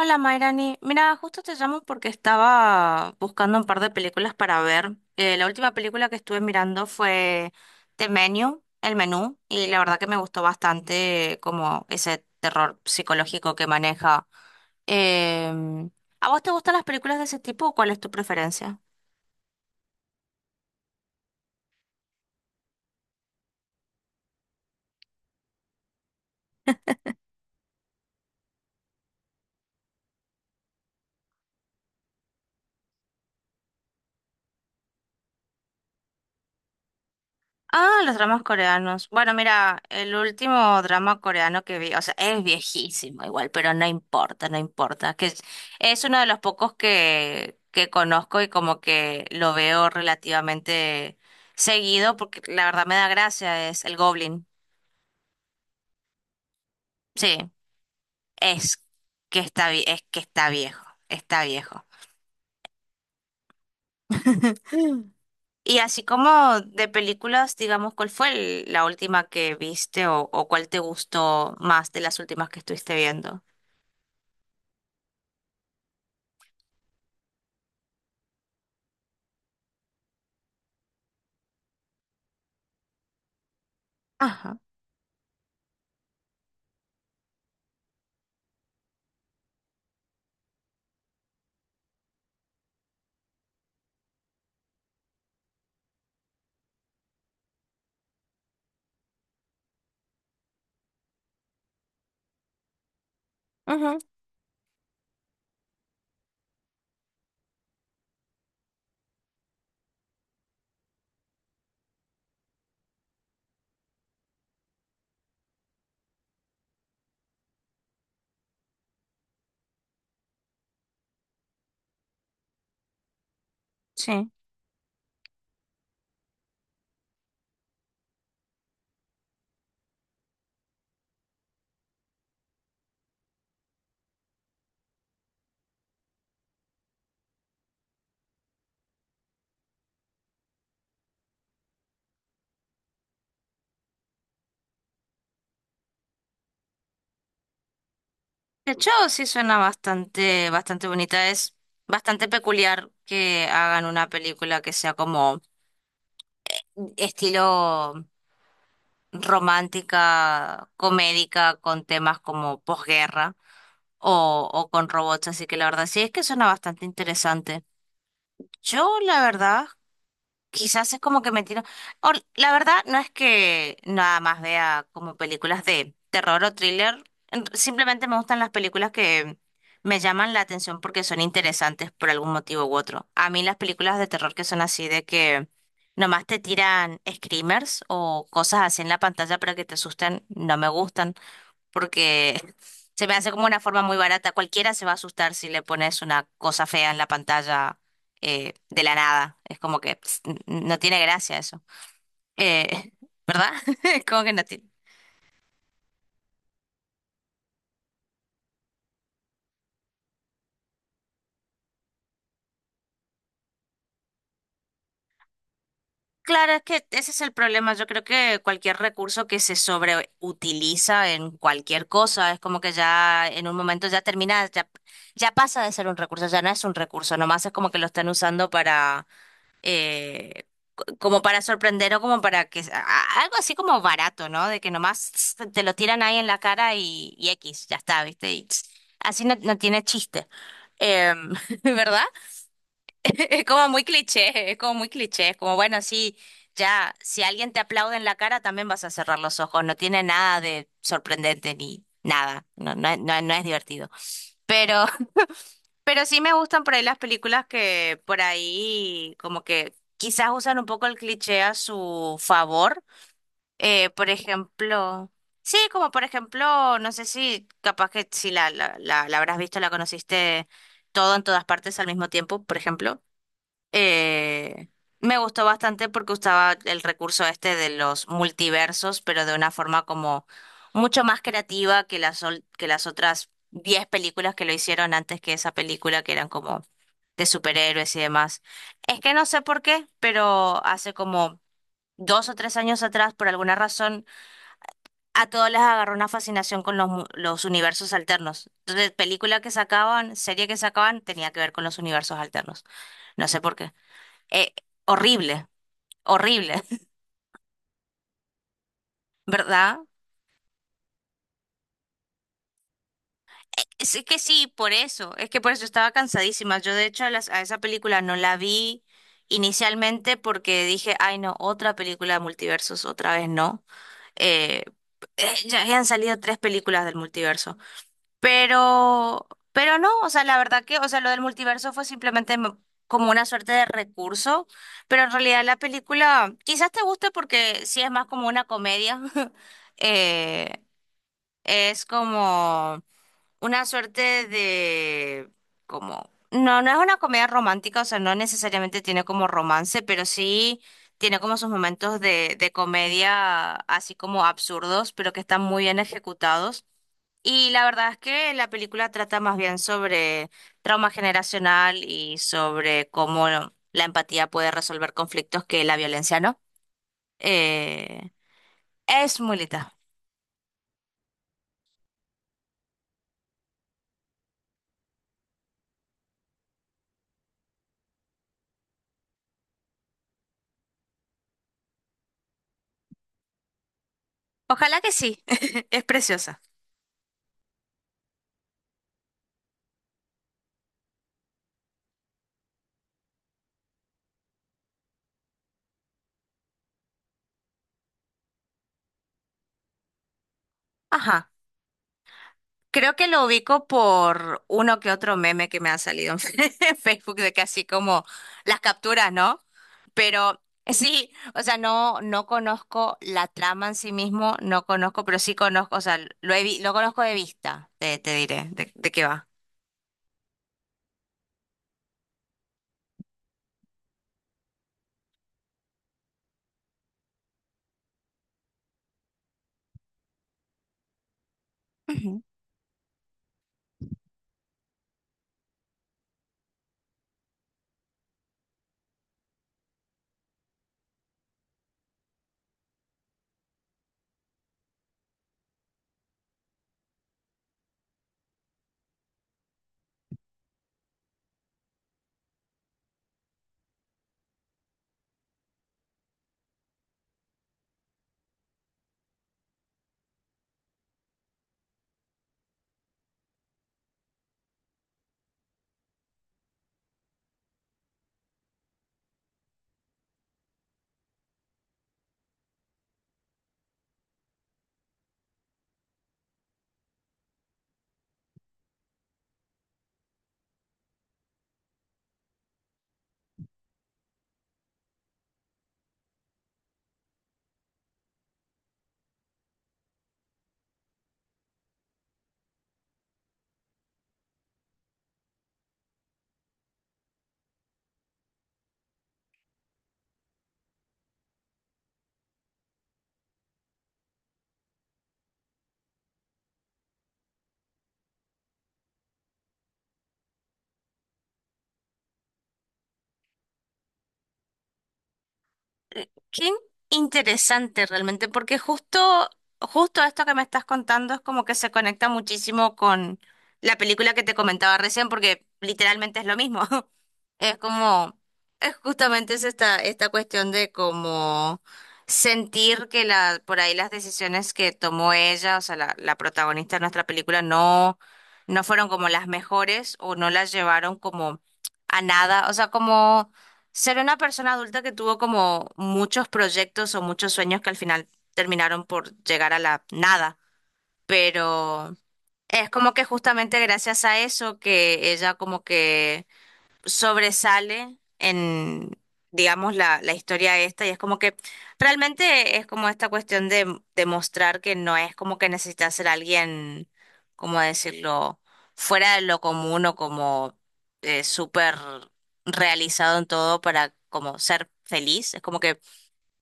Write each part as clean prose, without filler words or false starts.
Hola Mayrani, mira, justo te llamo porque estaba buscando un par de películas para ver. La última película que estuve mirando fue The Menu, El Menú, y la verdad que me gustó bastante como ese terror psicológico que maneja. Em, ¿A vos te gustan las películas de ese tipo o cuál es tu preferencia? Ah, los dramas coreanos. Bueno, mira, el último drama coreano que vi, o sea, es viejísimo igual, pero no importa, no importa, es uno de los pocos que conozco y como que lo veo relativamente seguido, porque la verdad me da gracia, es el Goblin. Sí, es que está, es que está viejo, está viejo. Y así como de películas, digamos, ¿cuál fue la última que viste o cuál te gustó más de las últimas que estuviste viendo? Ajá. Ujú, sí. De hecho, sí suena bastante, bastante bonita. Es bastante peculiar que hagan una película que sea como estilo romántica, comédica, con temas como posguerra o con robots. Así que la verdad sí es que suena bastante interesante. Yo, la verdad. Quizás es como que me tiro. La verdad no es que nada más vea como películas de terror o thriller. Simplemente me gustan las películas que me llaman la atención porque son interesantes por algún motivo u otro. A mí las películas de terror que son así de que nomás te tiran screamers o cosas así en la pantalla para que te asusten, no me gustan porque se me hace como una forma muy barata. Cualquiera se va a asustar si le pones una cosa fea en la pantalla de la nada. Es como que ps, no tiene gracia eso. Eh, ¿Verdad? Es como que no tiene. Claro, es que ese es el problema. Yo creo que cualquier recurso que se sobreutiliza en cualquier cosa es como que ya en un momento ya termina, ya, ya pasa de ser un recurso, ya no es un recurso, nomás es como que lo están usando para eh, como para sorprender o como para que algo así como barato, ¿no? De que nomás tss, te lo tiran ahí en la cara y X, ya está, ¿viste? Y tss, así no, no tiene chiste. Em, ¿verdad? Es como muy cliché, es como muy cliché, es como bueno, sí, ya, si alguien te aplaude en la cara, también vas a cerrar los ojos, no tiene nada de sorprendente ni nada, no, no, no no es divertido. Pero pero sí me gustan por ahí las películas que por ahí como que quizás usan un poco el cliché a su favor. Eh, por ejemplo, sí, como por ejemplo, no sé si capaz que si la habrás visto, la conociste todo en todas partes al mismo tiempo, por ejemplo. Eh, Me gustó bastante porque usaba el recurso este de los multiversos, pero de una forma como mucho más creativa que que las otras 10 películas que lo hicieron antes que esa película, que eran como de superhéroes y demás. Es que no sé por qué, pero hace como dos o tres años atrás, por alguna razón, a todos les agarró una fascinación con los universos alternos. Entonces, película que sacaban, serie que sacaban, tenía que ver con los universos alternos. No sé por qué. Eh, Horrible, horrible, ¿verdad? Es que sí, por eso, es que por eso estaba cansadísima. Yo de hecho a esa película no la vi inicialmente porque dije, ay no, otra película de multiversos, otra vez no. Eh, ya habían salido tres películas del multiverso, pero no, o sea, la verdad que, o sea, lo del multiverso fue simplemente como una suerte de recurso, pero en realidad la película quizás te guste porque sí es más como una comedia. eh, Es como una suerte de, como, no, no es una comedia romántica, o sea, no necesariamente tiene como romance, pero sí tiene como sus momentos de comedia así como absurdos, pero que están muy bien ejecutados. Y la verdad es que la película trata más bien sobre trauma generacional y sobre cómo bueno, la empatía puede resolver conflictos que la violencia no. Eh, es muy linda. Ojalá que sí, es preciosa. Ajá. Creo que lo ubico por uno que otro meme que me ha salido en Facebook de que así como las capturas, ¿no? Pero sí, o sea, no, no conozco la trama en sí mismo, no conozco, pero sí conozco, o sea, lo conozco de vista, te diré de qué va. Qué interesante realmente, porque justo, justo esto que me estás contando es como que se conecta muchísimo con la película que te comentaba recién, porque literalmente es lo mismo. Es como, es justamente es esta, esta cuestión de como sentir que la, por ahí las decisiones que tomó ella, o sea, la protagonista de nuestra película, no, no fueron como las mejores o no las llevaron como a nada. O sea, como ser una persona adulta que tuvo como muchos proyectos o muchos sueños que al final terminaron por llegar a la nada, pero es como que justamente gracias a eso que ella como que sobresale en, digamos, la historia esta y es como que realmente es como esta cuestión de demostrar que no es como que necesita ser alguien, ¿cómo decirlo?, fuera de lo común o como súper realizado en todo para como ser feliz. Es como que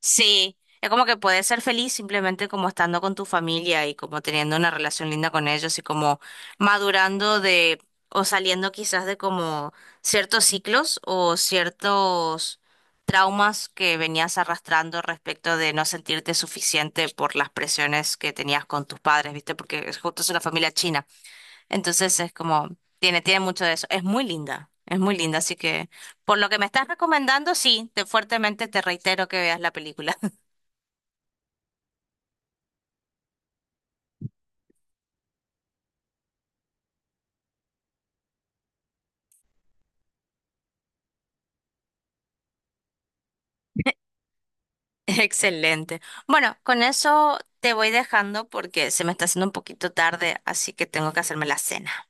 sí, es como que puedes ser feliz simplemente como estando con tu familia y como teniendo una relación linda con ellos y como madurando de o saliendo quizás de como ciertos ciclos o ciertos traumas que venías arrastrando respecto de no sentirte suficiente por las presiones que tenías con tus padres, ¿viste? Porque es justo es una familia china. Entonces es como tiene mucho de eso. Es muy linda. Es muy linda, así que por lo que me estás recomendando, sí, te fuertemente te reitero que veas la película. Excelente. Bueno, con eso te voy dejando porque se me está haciendo un poquito tarde, así que tengo que hacerme la cena.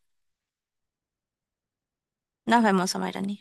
Nos vemos, Amairani.